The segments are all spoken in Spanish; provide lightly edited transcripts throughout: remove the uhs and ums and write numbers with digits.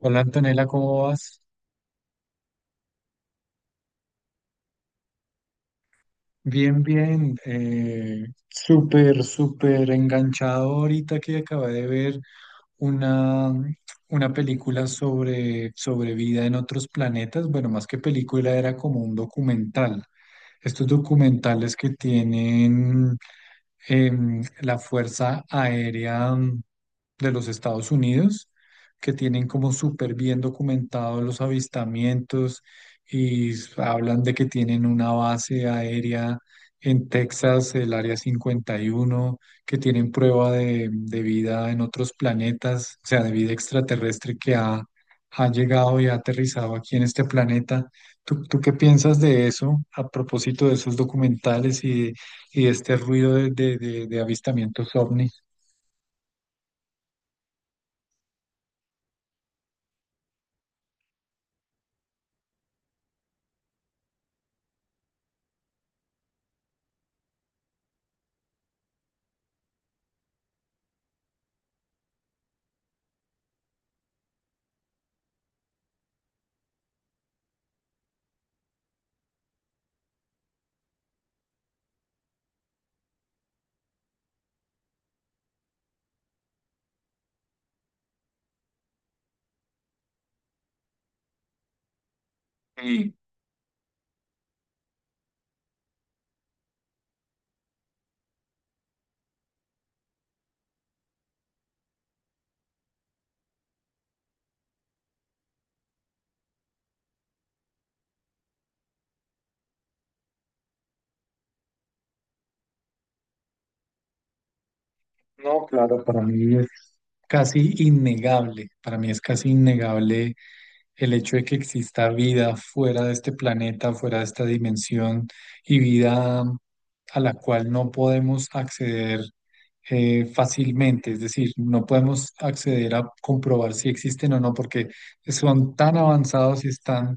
Hola Antonella, ¿cómo vas? Bien, bien. Súper, súper enganchado ahorita que acabé de ver una, una película sobre vida en otros planetas. Bueno, más que película, era como un documental. Estos documentales que tienen la Fuerza Aérea de los Estados Unidos, que tienen como súper bien documentados los avistamientos y hablan de que tienen una base aérea en Texas, el Área cincuenta y uno, que tienen prueba de vida en otros planetas, o sea, de vida extraterrestre que ha llegado y ha aterrizado aquí en este planeta. ¿Tú qué piensas de eso a propósito de esos documentales y de este ruido de avistamientos ovnis? Y no, claro, para mí es casi innegable, para mí es casi innegable el hecho de que exista vida fuera de este planeta, fuera de esta dimensión y vida a la cual no podemos acceder fácilmente, es decir, no podemos acceder a comprobar si existen o no, porque son tan avanzados y están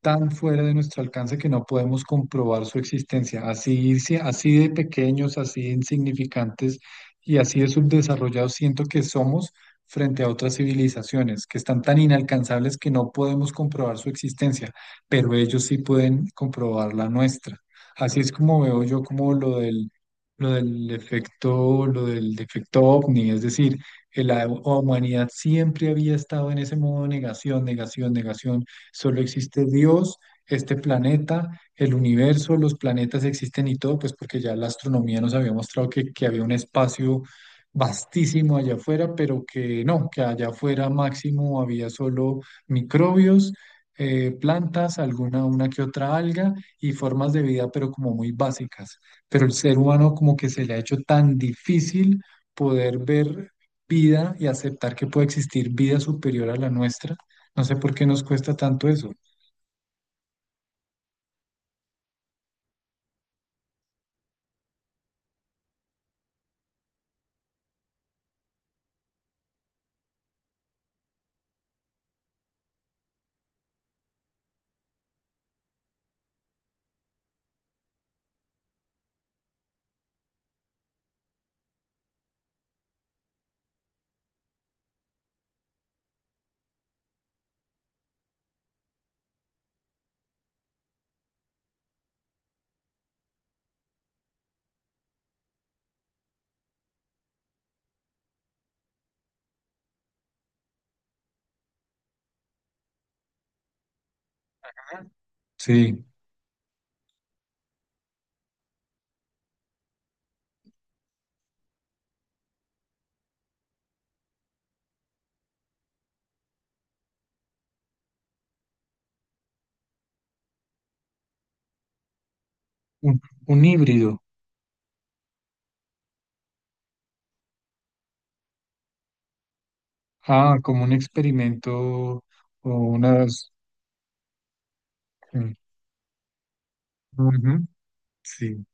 tan fuera de nuestro alcance que no podemos comprobar su existencia, así, si, así de pequeños, así de insignificantes y así de subdesarrollados siento que somos frente a otras civilizaciones que están tan inalcanzables que no podemos comprobar su existencia, pero ellos sí pueden comprobar la nuestra. Así es como veo yo como lo del efecto, lo del defecto ovni, es decir, que la humanidad siempre había estado en ese modo de negación, negación, negación, solo existe Dios, este planeta, el universo, los planetas existen y todo, pues porque ya la astronomía nos había mostrado que había un espacio vastísimo allá afuera, pero que no, que allá afuera máximo había solo microbios, plantas, alguna una que otra alga y formas de vida, pero como muy básicas. Pero el ser humano como que se le ha hecho tan difícil poder ver vida y aceptar que puede existir vida superior a la nuestra. No sé por qué nos cuesta tanto eso. Sí, un un híbrido. Ah, como un experimento o unas... Mm, ujú, sí,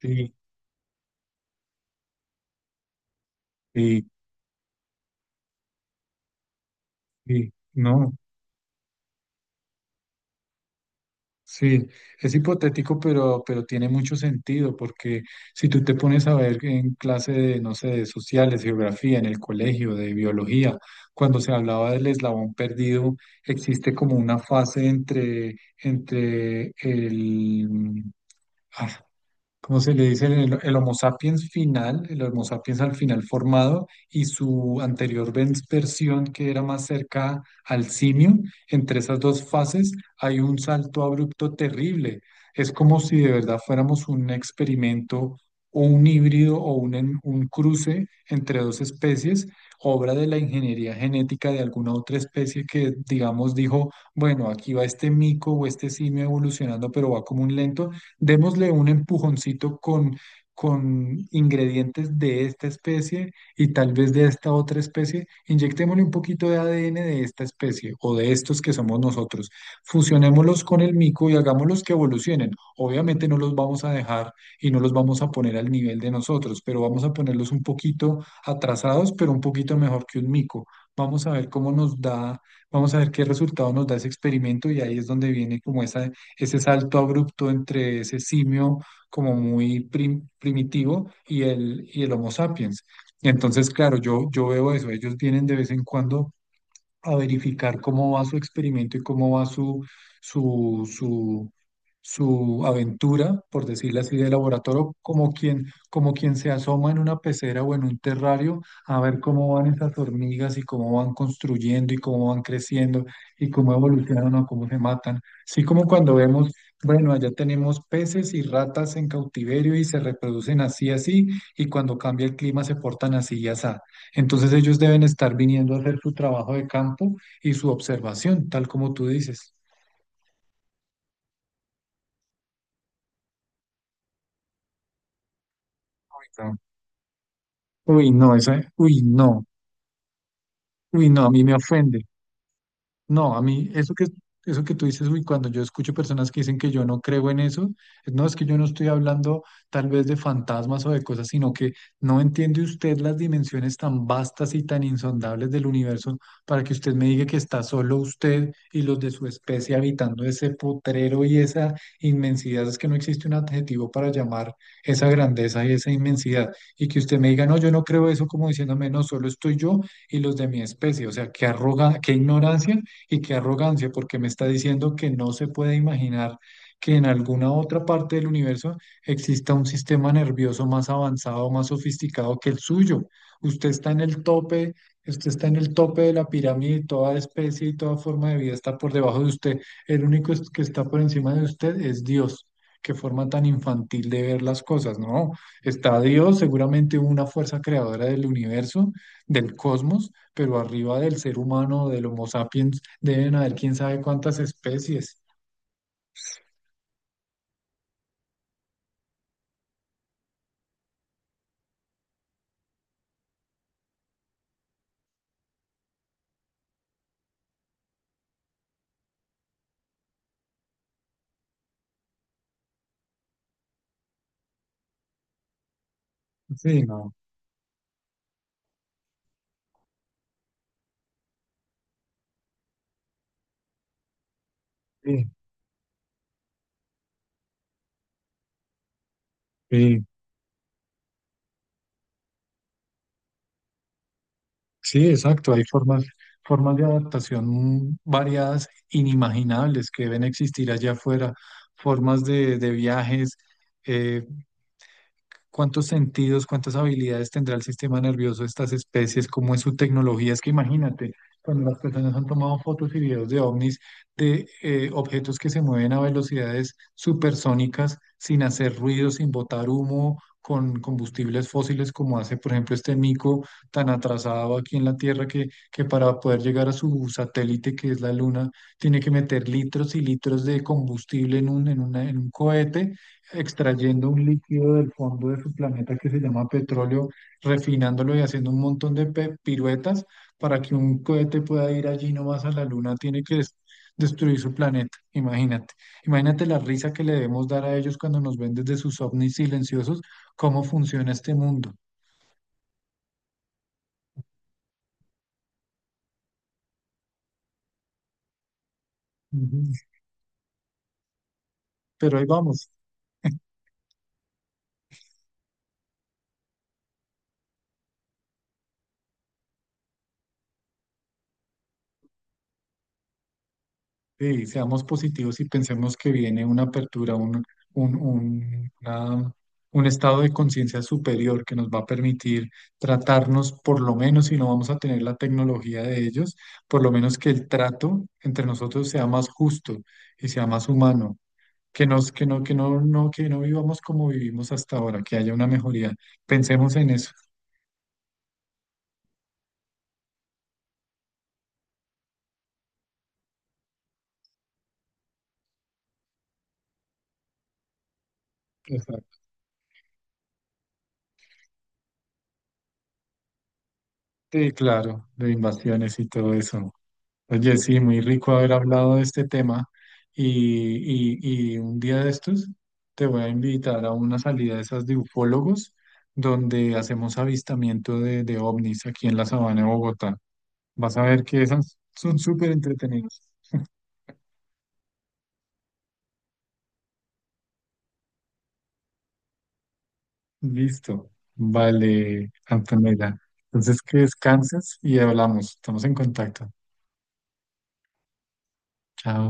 sí, sí, sí, no, sí, es hipotético, pero tiene mucho sentido, porque si tú te pones a ver en clase de, no sé, de sociales, geografía, en el colegio, de biología, cuando se hablaba del eslabón perdido, existe como una fase entre el... Ah, ¿cómo se le dice? El Homo sapiens final, el Homo sapiens al final formado y su anterior versión que era más cerca al simio, entre esas dos fases hay un salto abrupto terrible. Es como si de verdad fuéramos un experimento o un híbrido o un, un cruce entre dos especies, obra de la ingeniería genética de alguna otra especie que, digamos, dijo, bueno, aquí va este mico o este simio evolucionando, pero va como un lento, démosle un empujoncito con ingredientes de esta especie y tal vez de esta otra especie, inyectémosle un poquito de ADN de esta especie o de estos que somos nosotros, fusionémoslos con el mico y hagámoslos que evolucionen. Obviamente no los vamos a dejar y no los vamos a poner al nivel de nosotros, pero vamos a ponerlos un poquito atrasados, pero un poquito mejor que un mico. Vamos a ver cómo nos da, vamos a ver qué resultado nos da ese experimento y ahí es donde viene como esa ese salto abrupto entre ese simio como muy primitivo y el Homo sapiens. Entonces, claro, yo veo eso, ellos vienen de vez en cuando a verificar cómo va su experimento y cómo va su, su, su aventura, por decirlo así, de laboratorio, como quien se asoma en una pecera o en un terrario a ver cómo van esas hormigas y cómo van construyendo y cómo van creciendo y cómo evolucionan o cómo se matan. Así como cuando vemos, bueno, allá tenemos peces y ratas en cautiverio y se reproducen así, así, y cuando cambia el clima se portan así y así. Entonces ellos deben estar viniendo a hacer su trabajo de campo y su observación, tal como tú dices. No. Uy, no, eso, uy, no, a mí me ofende. No, a mí eso que tú dices, uy, cuando yo escucho personas que dicen que yo no creo en eso, no es que yo no estoy hablando tal vez de fantasmas o de cosas, sino que no entiende usted las dimensiones tan vastas y tan insondables del universo para que usted me diga que está solo usted y los de su especie habitando ese potrero y esa inmensidad. Es que no existe un adjetivo para llamar esa grandeza y esa inmensidad. Y que usted me diga, no, yo no creo eso como diciéndome, no, solo estoy yo y los de mi especie. O sea, qué arroga, qué ignorancia y qué arrogancia, porque me está diciendo que no se puede imaginar que en alguna otra parte del universo exista un sistema nervioso más avanzado, más sofisticado que el suyo. Usted está en el tope, usted está en el tope de la pirámide, y toda especie y toda forma de vida está por debajo de usted. El único que está por encima de usted es Dios. Qué forma tan infantil de ver las cosas, ¿no? Está Dios, seguramente una fuerza creadora del universo, del cosmos, pero arriba del ser humano, del Homo sapiens, deben haber quién sabe cuántas especies. Sí, no. Sí, sí, sí, exacto. Hay formas, formas de adaptación variadas, inimaginables, que deben existir allá afuera, formas de viajes, eh, cuántos sentidos, cuántas habilidades tendrá el sistema nervioso de estas especies, cómo es su tecnología. Es que imagínate, cuando las personas han tomado fotos y videos de ovnis, de objetos que se mueven a velocidades supersónicas, sin hacer ruido, sin botar humo, con combustibles fósiles, como hace, por ejemplo, este mico tan atrasado aquí en la Tierra que para poder llegar a su satélite, que es la Luna, tiene que meter litros y litros de combustible en un, en un cohete extrayendo un líquido del fondo de su planeta que se llama petróleo, refinándolo y haciendo un montón de piruetas para que un cohete pueda ir allí nomás a la luna, tiene que destruir su planeta. Imagínate, imagínate la risa que le debemos dar a ellos cuando nos ven desde sus ovnis silenciosos, cómo funciona este mundo. Ujú. Pero ahí vamos. Sí, seamos positivos y pensemos que viene una apertura, un, un, una- un estado de conciencia superior que nos va a permitir tratarnos, por lo menos si no vamos a tener la tecnología de ellos, por lo menos que el trato entre nosotros sea más justo y sea más humano, que nos, que no, no, que no vivamos como vivimos hasta ahora, que haya una mejoría. Pensemos en eso. Exacto. Sí, claro, de invasiones y todo eso. Oye, sí, muy rico haber hablado de este tema y un día de estos te voy a invitar a una salida de esas de ufólogos donde hacemos avistamiento de ovnis aquí en la sabana de Bogotá. Vas a ver que esas son súper entretenidos. Listo. Vale, Antonella. Entonces que descanses y hablamos. Estamos en contacto. Chao.